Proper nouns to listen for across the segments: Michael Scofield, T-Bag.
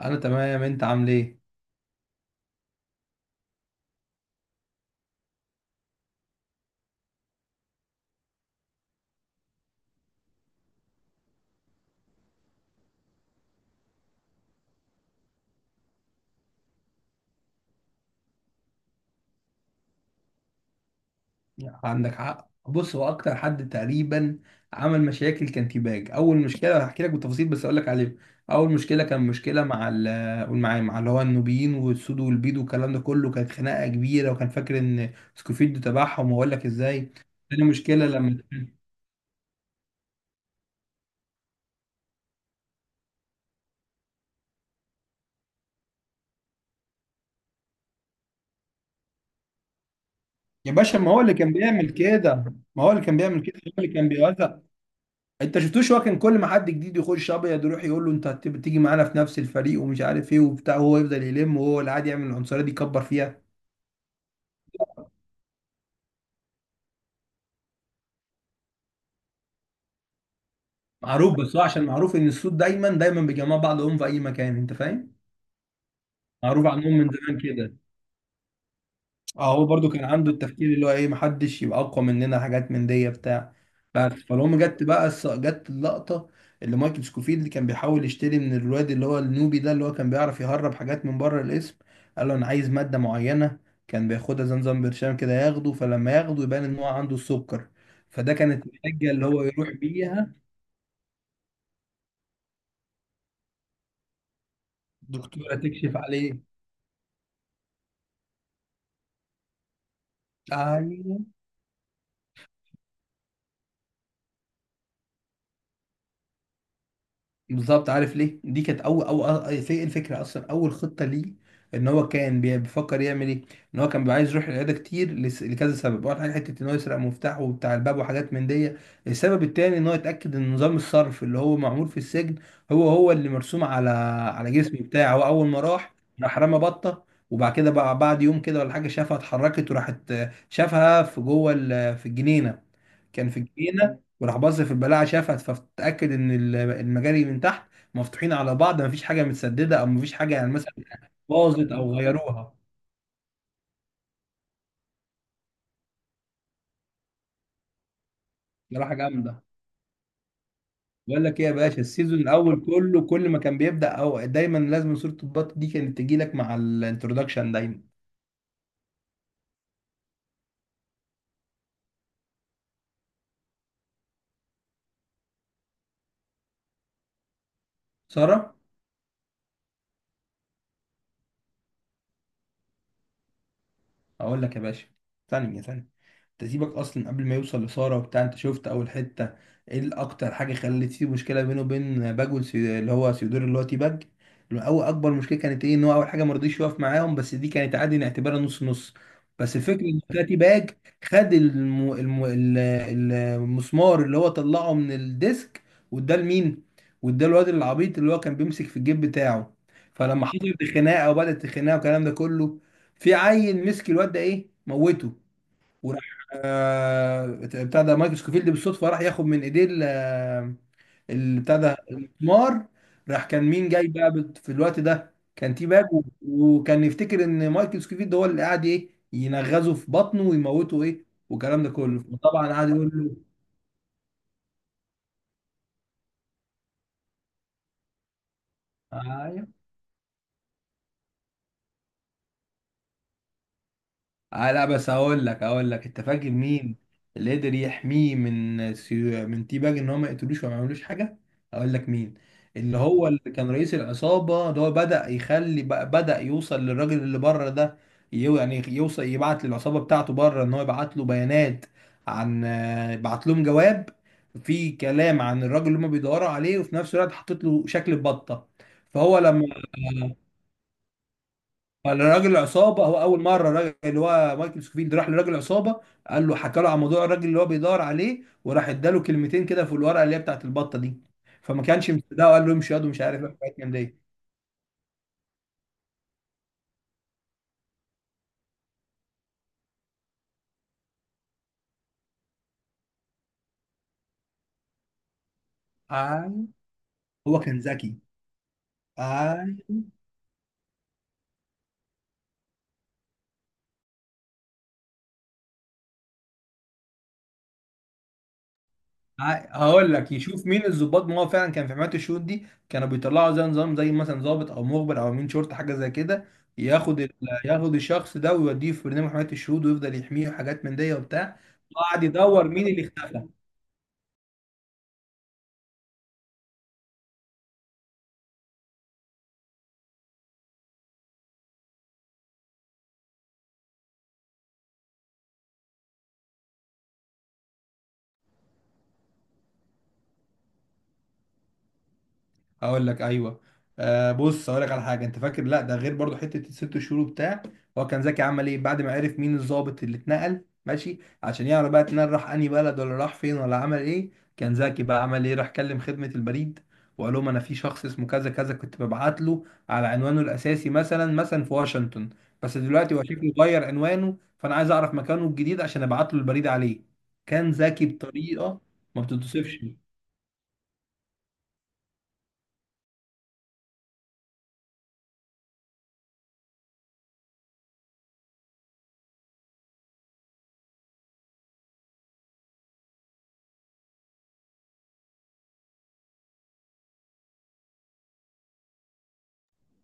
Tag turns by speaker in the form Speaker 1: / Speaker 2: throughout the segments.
Speaker 1: انا تمام، انت عامل ايه؟ عندك حق. بص، هو اكتر حد تقريبا عمل مشاكل كان تيباج. اول مشكله هحكي لك بالتفاصيل، بس اقول لك عليها. اول مشكله كان مشكله مع قول معايا، مع اللي هو النوبيين والسود والبيض والكلام ده كله. كانت خناقه كبيره وكان فاكر ان سكوفيد تبعهم، واقول لك ازاي. تاني مشكله لما يا باشا، ما هو اللي كان بيعمل كده، ما هو اللي كان بيعمل كده، هو اللي كان بيوزع. انت شفتوش هو كان كل ما حد جديد يخش ابيض يروح يقول له انت تيجي معانا في نفس الفريق ومش عارف ايه وبتاع، وهو يفضل يلم، وهو اللي عادي يعمل العنصريه دي يكبر فيها. معروف، بس هو عشان معروف ان السود دايما دايما بيجمعوا بعضهم في اي مكان، انت فاهم. معروف عنهم من زمان كده. اه، هو برضو كان عنده التفكير اللي هو ايه، محدش يبقى اقوى مننا، حاجات من دي بتاع. بس فالهم جت بقى جت اللقطه اللي مايكل سكوفيلد اللي كان بيحاول يشتري من الواد اللي هو النوبي ده، اللي هو كان بيعرف يهرب حاجات من بره الاسم. قال له انا عايز ماده معينه، كان بياخدها زمزم برشام كده ياخده، فلما ياخده يبان ان هو عنده السكر. فده كانت الحجه اللي هو يروح بيها دكتوره تكشف عليه. أيوه. بالظبط. عارف ليه دي كانت اول، او في الفكره اصلا اول خطه ليه ان هو كان بيفكر يعمل ايه؟ ان هو كان بيبقى عايز يروح العياده كتير لكذا سبب. اول حاجه حته ان هو يسرق مفتاحه وبتاع الباب وحاجات من دي. السبب التاني ان هو يتاكد ان نظام الصرف اللي هو معمول في السجن هو هو اللي مرسوم على على جسمه بتاعه. هو اول ما راح، راح رمى بطه، وبعد كده بقى بعد يوم كده ولا حاجه شافها اتحركت وراحت. شافها في جوه في الجنينه. كان في الجنينه وراح بص في البلاعه شافها، فاتاكد ان المجاري من تحت مفتوحين على بعض، مفيش حاجه متسدده او مفيش حاجه يعني مثلا باظت او غيروها. صراحه جامده. بقول لك ايه يا باشا، السيزون الاول كله كل ما كان بيبدا او دايما لازم صوره البط دي كانت تجي لك مع الانترودكشن دايما. ساره. اقول لك يا باشا، ثانية يا ثانية، تسيبك اصلا. قبل ما يوصل لسارة وبتاع، انت شفت اول حتة ايه الاكتر حاجة خلت فيه مشكلة بينه وبين باج اللي هو سيودور اللي هو تي باج؟ اول اكبر مشكلة كانت ايه، ان هو اول حاجة ما رضيش يقف معاهم، بس دي كانت عادي نعتبرها نص نص. بس الفكرة ان بتاع تي باج خد المسمار اللي هو طلعه من الديسك، واداه لمين؟ واداه الواد العبيط اللي هو كان بيمسك في الجيب بتاعه. فلما حصلت الخناقه وبدات الخناقه والكلام ده كله، في عيل مسك الواد ده ايه موته، وراح آه بتاع ده مايكل سكوفيلد بالصدفه راح ياخد من ايديه بتاع ده المسمار. راح كان مين جاي بقى في الوقت ده كان تيباج، وكان يفتكر ان مايكل سكوفيلد هو اللي قاعد ايه ينغزه في بطنه ويموته ايه، والكلام ده كله طبعا قعد يقول له. آه، لا بس هقول لك انت فاكر مين اللي قدر يحميه من تي باج ان هو ما يقتلوش وما يعملوش حاجه؟ هقول لك مين. اللي هو اللي كان رئيس العصابه، اللي هو بدأ يخلي بدأ يوصل للراجل اللي بره ده. يعني يوصل يبعت للعصابه بتاعته بره ان هو يبعت له بيانات عن بعت لهم جواب في كلام عن الراجل اللي هم بيدوروا عليه، وفي نفس الوقت حطيت له شكل بطه. فهو لما راجل العصابه، هو اول مره راجل اللي هو مايكل سكوفيلد راح لراجل العصابه، قال له، حكى له عن موضوع الراجل اللي هو بيدور عليه، وراح اداله كلمتين كده في الورقه اللي هي بتاعت البطه دي. فما كانش مصدقه، وقال له امشي ياض ومش عارف ايه، الحاجات من دي. آه. هو كان ذكي. آه. آه. هقول لك، يشوف مين الضباط. ما هو فعلا كان في حماية الشروط دي كانوا بيطلعوا زي نظام، زي مثلا ضابط او مخبر او امين شرطه حاجه زي كده، ياخد ال- ياخد الشخص ده ويوديه في برنامج حماية الشهود ويفضل يحميه وحاجات من دي وبتاع. قعد يدور مين اللي اختفى. اقول لك، ايوه. آه بص، اقول لك على حاجه. انت فاكر؟ لا، ده غير برضو حته الست شهور وبتاع. هو كان زكي، عمل ايه بعد ما عرف مين الضابط اللي اتنقل؟ ماشي، عشان يعرف بقى اتنقل راح انهي بلد، ولا راح فين، ولا عمل ايه. كان زكي، بقى عمل ايه؟ راح كلم خدمه البريد، وقال لهم انا في شخص اسمه كذا كذا كنت ببعت له على عنوانه الاساسي مثلا في واشنطن، بس دلوقتي هو شكله غير عنوانه، فانا عايز اعرف مكانه الجديد عشان ابعت له البريد عليه. كان ذكي بطريقه ما بتتوصفش.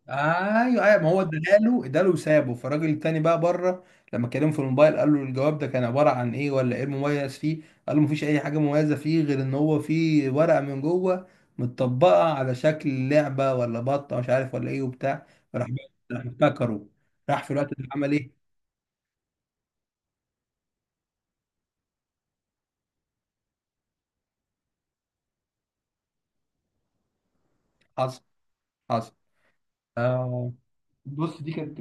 Speaker 1: ايوه ايوه، ما هو اداله اداله وسابه. فالراجل التاني بقى بره لما كلمه في الموبايل، قال له، الجواب ده كان عباره عن ايه، ولا ايه المميز فيه؟ قال له مفيش اي حاجه مميزه فيه، غير ان هو فيه ورقه من جوه متطبقه على شكل لعبه ولا بطه مش عارف ولا ايه وبتاع. فراح، راح افتكره. راح في الوقت ده عمل ايه؟ حصل، حصل. آه بص، دي كانت،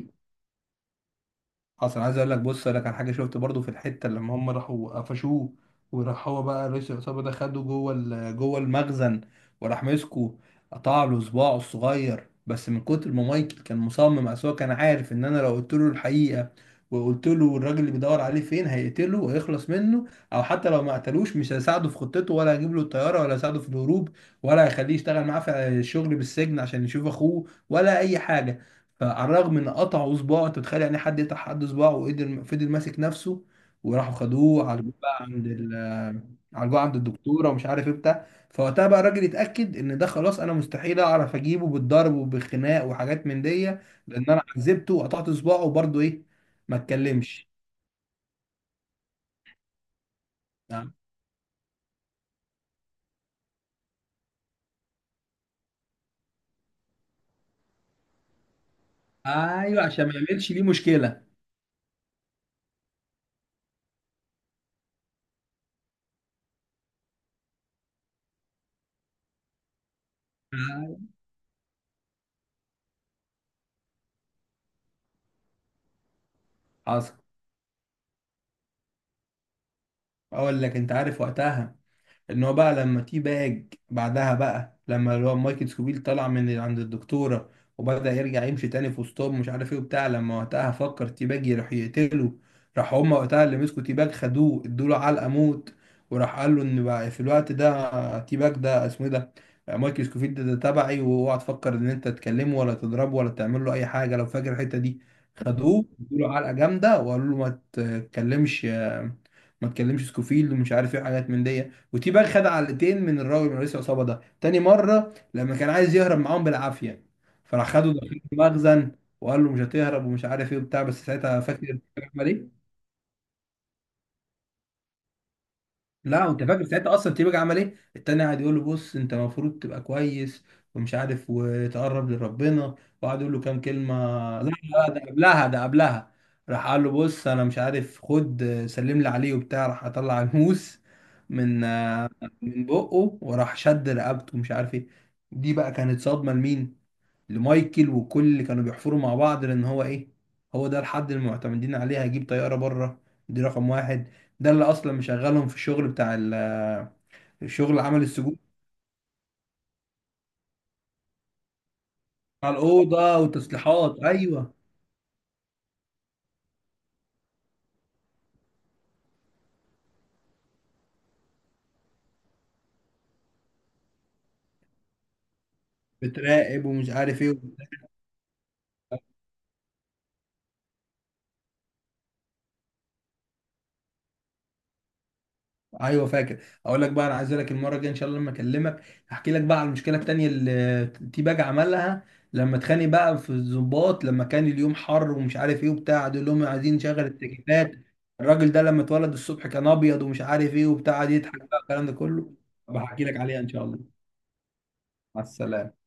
Speaker 1: اصلا عايز اقول لك، بص اقول لك على حاجه. شفت برضو في الحته لما هم راحوا قفشوه، وراح هو بقى رئيس العصابه ده خده جوه جوه المخزن، وراح مسكه قطع له صباعه الصغير، بس من كتر ما مايكل كان مصمم، اصل هو كان عارف ان انا لو قلت له الحقيقه وقلت له الراجل اللي بيدور عليه فين هيقتله ويخلص منه، او حتى لو ما قتلوش مش هيساعده في خطته، ولا هيجيب له الطياره، ولا هيساعده في الهروب، ولا هيخليه يشتغل معاه في الشغل بالسجن عشان يشوف اخوه، ولا اي حاجه. فعلى الرغم ان قطعوا صباعه، انت متخيل يعني حد يقطع حد صباعه، وقدر فضل ماسك نفسه. وراحوا خدوه عالجوه بقى عند عالجوه عند الدكتوره ومش عارف ايه بتاع. فوقتها بقى الراجل اتاكد ان ده خلاص، انا مستحيل اعرف اجيبه بالضرب وبالخناق وحاجات من دي، لان انا عذبته وقطعت صباعه وبرضه ايه، ما اتكلمش. نعم. ايوه، عشان ما يعملش ليه مشكله. أيوة. حصل. اقول لك، انت عارف وقتها ان هو بقى، لما تي باج بعدها، بقى لما اللي هو مايكل سكوبيل طلع من عند الدكتوره وبدأ يرجع يمشي تاني في وسطهم مش عارف ايه وبتاع، لما وقتها فكر تي باج يروح يقتله، راح هما وقتها اللي مسكوا تي باج خدوه ادوله علقه موت. وراح قال له، ان بقى في الوقت ده تي باج ده اسمه ايه ده، مايكل سكوفيلد ده تبعي، واوعى تفكر ان انت تكلمه ولا تضربه ولا تعمل له اي حاجه، لو فاكر الحته دي. خدوه ادوله علقه جامده، وقالوا له ما تكلمش سكوفيلد ومش عارف ايه حاجات من دي. وتيباج خد علقتين من الراجل من رئيس العصابه ده تاني مره لما كان عايز يهرب معاهم بالعافيه، فراح خده داخل المخزن وقال له مش هتهرب ومش عارف ايه وبتاع. بس ساعتها فاكر كان عمل ايه؟ لا، وانت فاكر ساعتها اصلا تيباجي عمل ايه؟ التاني قاعد يقول له بص انت المفروض تبقى كويس ومش عارف، وتقرب لربنا، وقعد يقول له كام كلمه. لا لا، ده قبلها، ده قبلها. راح قال له بص انا مش عارف، خد سلم لي عليه وبتاع، راح اطلع الموس من من بقه، وراح شد رقبته مش عارف ايه. دي بقى كانت صدمه لمين؟ لمايكل وكل اللي كانوا بيحفروا مع بعض، لان هو ايه، هو ده الحد اللي معتمدين عليه هيجيب طياره بره. دي رقم واحد. ده اللي اصلا مشغلهم في الشغل بتاع الشغل عمل السجون، بتاع الاوضه وتصليحات. ايوه، بتراقب ومش عارف ايه. ايوه فاكر. اقول لك بقى، انا عايز لك المره الجايه ان شاء الله لما اكلمك احكي لك بقى على المشكله التانيه اللي تي باج عملها لما اتخانق بقى في الضباط، لما كان اليوم حر ومش عارف ايه وبتاع، دول لهم عايزين نشغل التكييفات. الراجل ده لما اتولد الصبح كان ابيض ومش عارف ايه وبتاع، قعد يضحك بقى الكلام ده كله. بحكي لك عليها ان شاء الله. مع السلامه.